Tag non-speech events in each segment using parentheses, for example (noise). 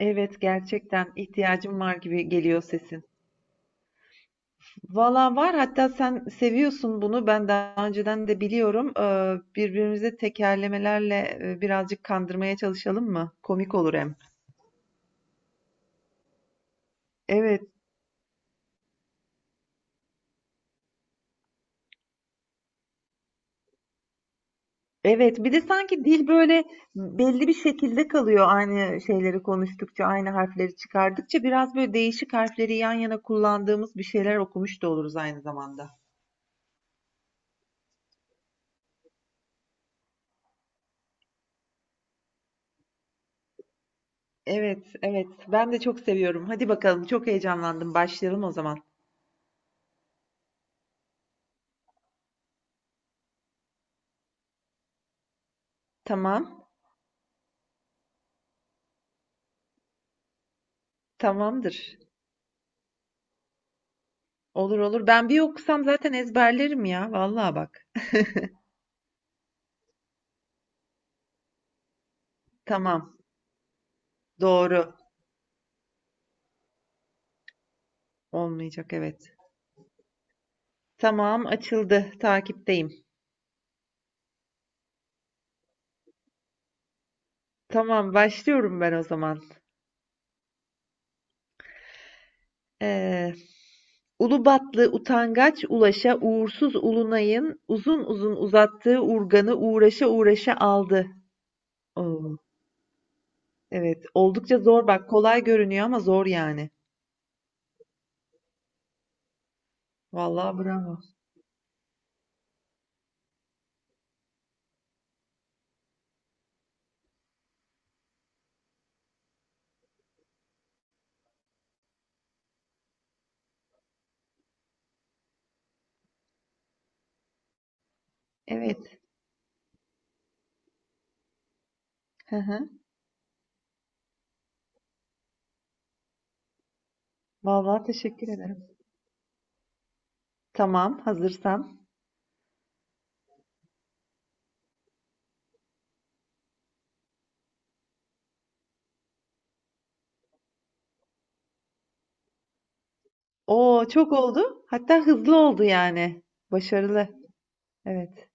Evet gerçekten ihtiyacım var gibi geliyor sesin. Valla var hatta sen seviyorsun bunu ben daha önceden de biliyorum. Birbirimizi tekerlemelerle birazcık kandırmaya çalışalım mı? Komik olur hem. Evet. Evet bir de sanki dil böyle belli bir şekilde kalıyor aynı şeyleri konuştukça aynı harfleri çıkardıkça biraz böyle değişik harfleri yan yana kullandığımız bir şeyler okumuş da oluruz aynı zamanda. Evet evet ben de çok seviyorum. Hadi bakalım çok heyecanlandım başlayalım o zaman. Tamam. Tamamdır. Olur olur. Ben bir okusam zaten ezberlerim ya. Vallahi bak. Tamam. Doğru. Olmayacak evet. Tamam açıldı. Takipteyim. Tamam başlıyorum ben o zaman. Ee, Ulubatlı utangaç Ulaş'a uğursuz Ulunay'ın uzun uzun uzattığı urganı uğraşa uğraşa aldı. Oo, evet oldukça zor bak kolay görünüyor ama zor yani. Vallahi bravo. Evet. Hı hı. Vallahi teşekkür ederim. Tamam hazırsan. Oo çok oldu. Hatta hızlı oldu yani. Başarılı. Evet.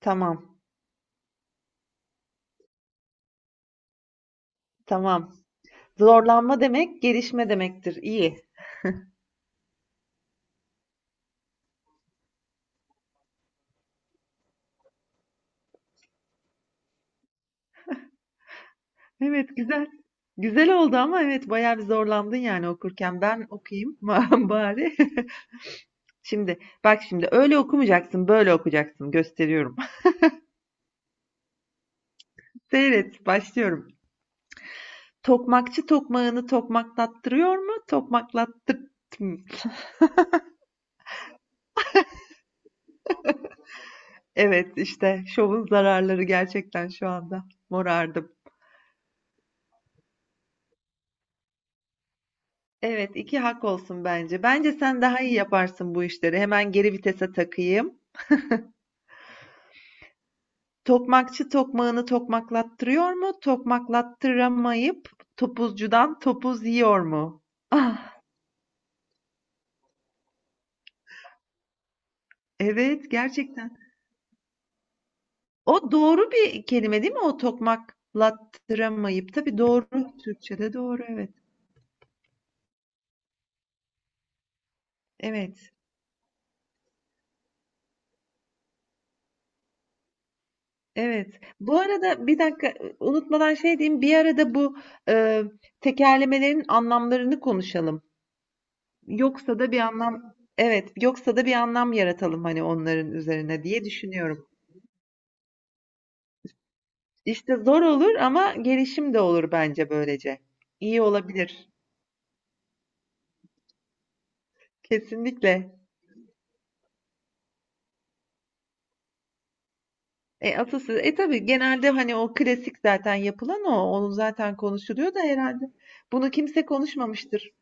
Tamam. Tamam. Zorlanma demek gelişme demektir. İyi. Evet, güzel. Güzel oldu ama evet bayağı bir zorlandın yani okurken. Ben okuyayım (laughs) bari. (laughs) Şimdi bak şimdi öyle okumayacaksın, böyle okuyacaksın. Gösteriyorum. (laughs) Seyret, başlıyorum. Tokmakçı tokmağını tokmaklattırıyor mu? Tokmaklattır. (laughs) Evet işte şovun zararları gerçekten şu anda morardım. Evet, 2 hak olsun bence. Bence sen daha iyi yaparsın bu işleri. Hemen geri vitese takayım. Tokmakçı tokmağını tokmaklattırıyor mu? Tokmaklattıramayıp topuzcudan topuz yiyor mu? Ah, evet gerçekten. O doğru bir kelime değil mi? O tokmaklattıramayıp. Tabii doğru. Türkçe'de doğru evet. Evet. Evet. Bu arada bir dakika unutmadan şey diyeyim. Bir arada bu e, tekerlemelerin anlamlarını konuşalım. Yoksa da bir anlam evet, yoksa da bir anlam yaratalım hani onların üzerine diye düşünüyorum. İşte zor olur ama gelişim de olur bence böylece. İyi olabilir. Kesinlikle. E atasözü. E tabii genelde hani o klasik zaten yapılan o. Onun zaten konuşuluyor da herhalde. Bunu kimse konuşmamıştır.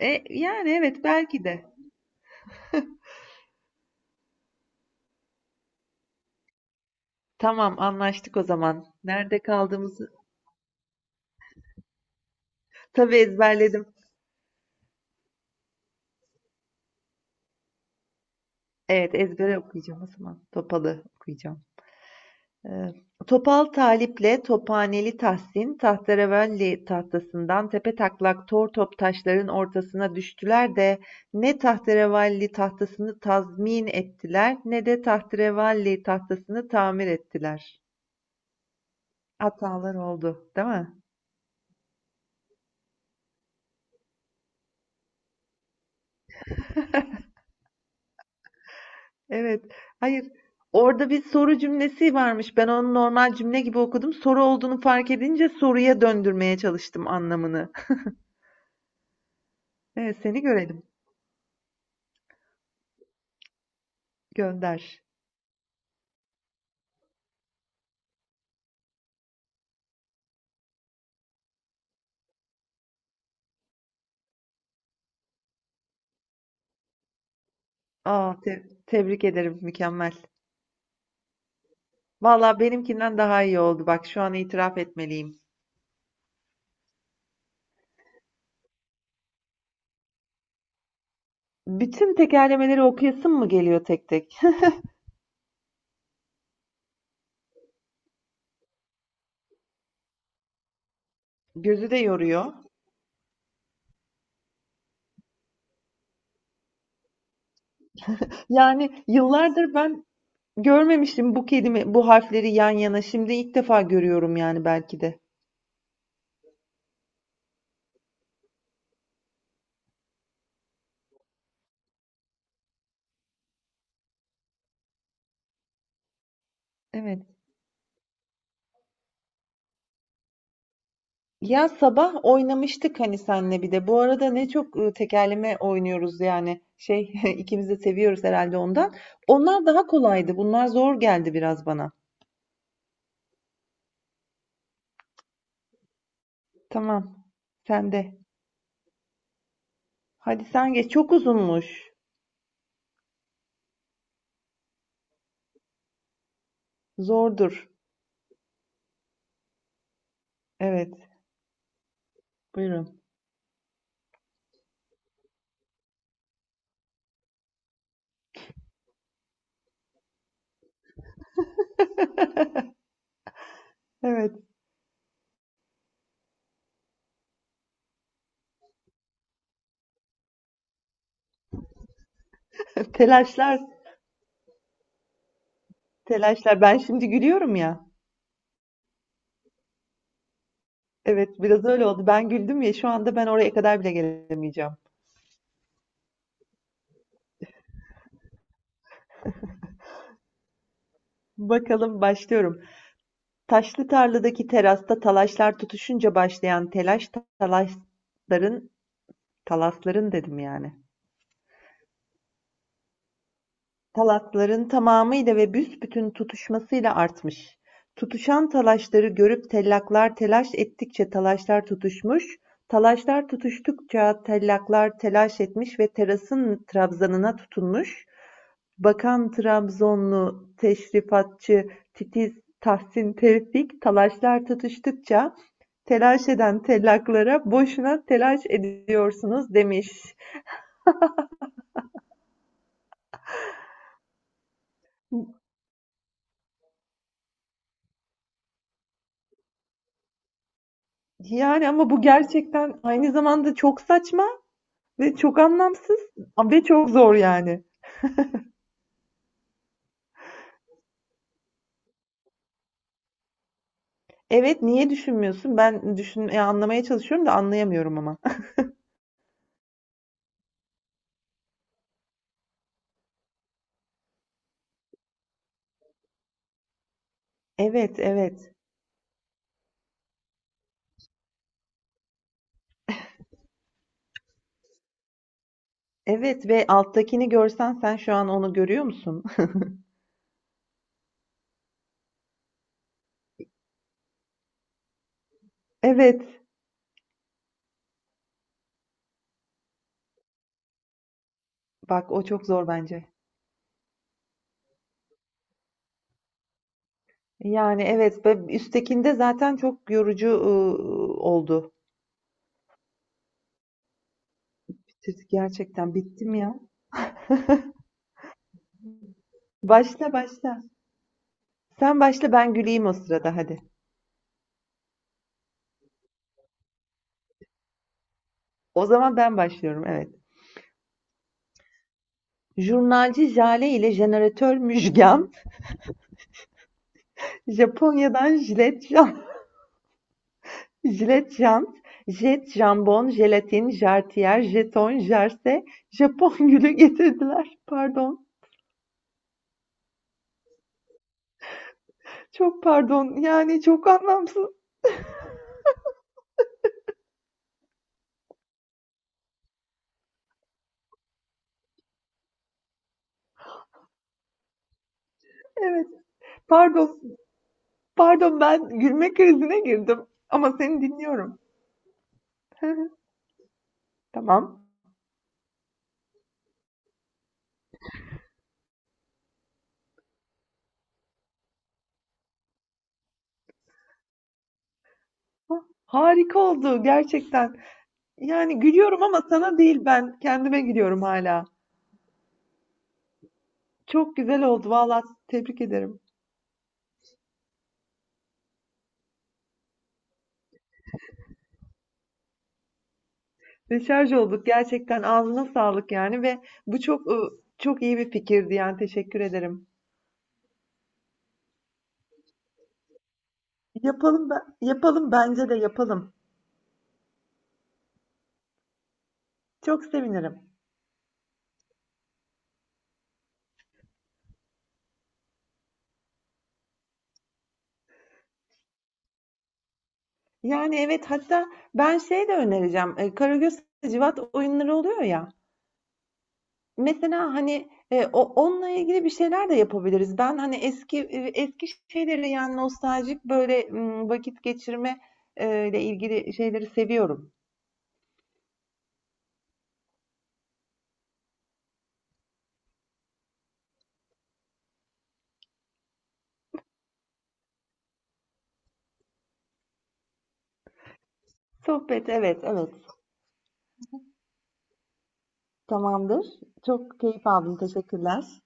E yani evet belki de. (laughs) Tamam anlaştık o zaman. Nerede kaldığımızı tabii ezberledim. Evet ezbere okuyacağım o zaman. Topalı okuyacağım. Ee, Topal Talip'le Tophaneli Tahsin, tahterevalli tahtasından tepetaklak tortop taşların ortasına düştüler de ne tahterevalli tahtasını tazmin ettiler ne de tahterevalli tahtasını tamir ettiler. Hatalar oldu, değil mi? Evet. Hayır. Orada bir soru cümlesi varmış. Ben onu normal cümle gibi okudum. Soru olduğunu fark edince soruya döndürmeye çalıştım anlamını. Evet, seni görelim. Gönder. Aa, tebrik ederim. Mükemmel. Valla benimkinden daha iyi oldu. Bak şu an itiraf etmeliyim. Bütün tekerlemeleri okuyasım mı geliyor tek tek? Gözü de yoruyor. Yani yıllardır ben görmemiştim bu kelime, bu harfleri yan yana. Şimdi ilk defa görüyorum yani belki de. Evet. Ya sabah oynamıştık hani senle bir de. Bu arada ne çok tekerleme oynuyoruz yani. Şey (laughs) ikimiz de seviyoruz herhalde ondan. Onlar daha kolaydı. Bunlar zor geldi biraz bana. Tamam. Sen de. Hadi sen geç. Çok uzunmuş. Zordur. Evet. Buyurun. Evet. (laughs) Telaşlar. Telaşlar. Ben şimdi gülüyorum ya. Evet, biraz öyle oldu. Ben güldüm ya. Şu anda ben oraya kadar bile gelemeyeceğim. Bakalım başlıyorum. Taşlı tarladaki terasta talaşlar tutuşunca başlayan telaş, talaşların, talasların dedim yani. Talasların tamamıyla ve büsbütün tutuşmasıyla artmış. Tutuşan talaşları görüp tellaklar telaş ettikçe talaşlar tutuşmuş, talaşlar tutuştukça tellaklar telaş etmiş ve terasın trabzanına tutunmuş, Bakan Trabzonlu teşrifatçı titiz Tahsin Tevfik talaşlar tutuştukça telaş eden tellaklara boşuna telaş ediyorsunuz demiş. Yani ama bu gerçekten aynı zamanda çok saçma ve çok anlamsız ve çok zor yani. Evet niye düşünmüyorsun? Ben anlamaya çalışıyorum da anlayamıyorum ama. (laughs) Evet, evet. Evet ve alttakini görsen sen şu an onu görüyor musun? (laughs) Evet. Bak o çok zor bence. Yani, evet ve üsttekinde zaten çok yorucu oldu. Bitirdik gerçekten. Bittim ya. Başla, başla. Sen başla, ben güleyim o sırada hadi. O zaman ben başlıyorum, evet. Jurnalci Jale ile jeneratör Müjgan, (laughs) Japonya'dan jilet jan (laughs) jilet jant, jet jambon, jelatin, jartiyer, jeton, jarse, Japon (laughs) gülü getirdiler. Pardon, çok pardon. Yani çok anlamsız. Evet, pardon. Pardon, ben gülme krizine girdim ama seni dinliyorum. (laughs) Tamam. Hah, harika oldu gerçekten. Yani gülüyorum ama sana değil ben kendime gülüyorum hala. Çok güzel oldu valla tebrik ederim. Deşarj olduk gerçekten ağzına sağlık yani ve bu çok çok iyi bir fikirdi yani teşekkür ederim. Yapalım ben, yapalım bence de yapalım. Çok sevinirim. Yani evet hatta ben şey de önereceğim. E, Karagöz Hacivat oyunları oluyor ya. Mesela, hani, o onunla ilgili bir şeyler de yapabiliriz. Ben, hani, eski şeyleri, yani, nostaljik, böyle, vakit geçirme, ile ilgili şeyleri seviyorum. Sohbet, evet, evet. Tamamdır. Çok keyif aldım. Teşekkürler.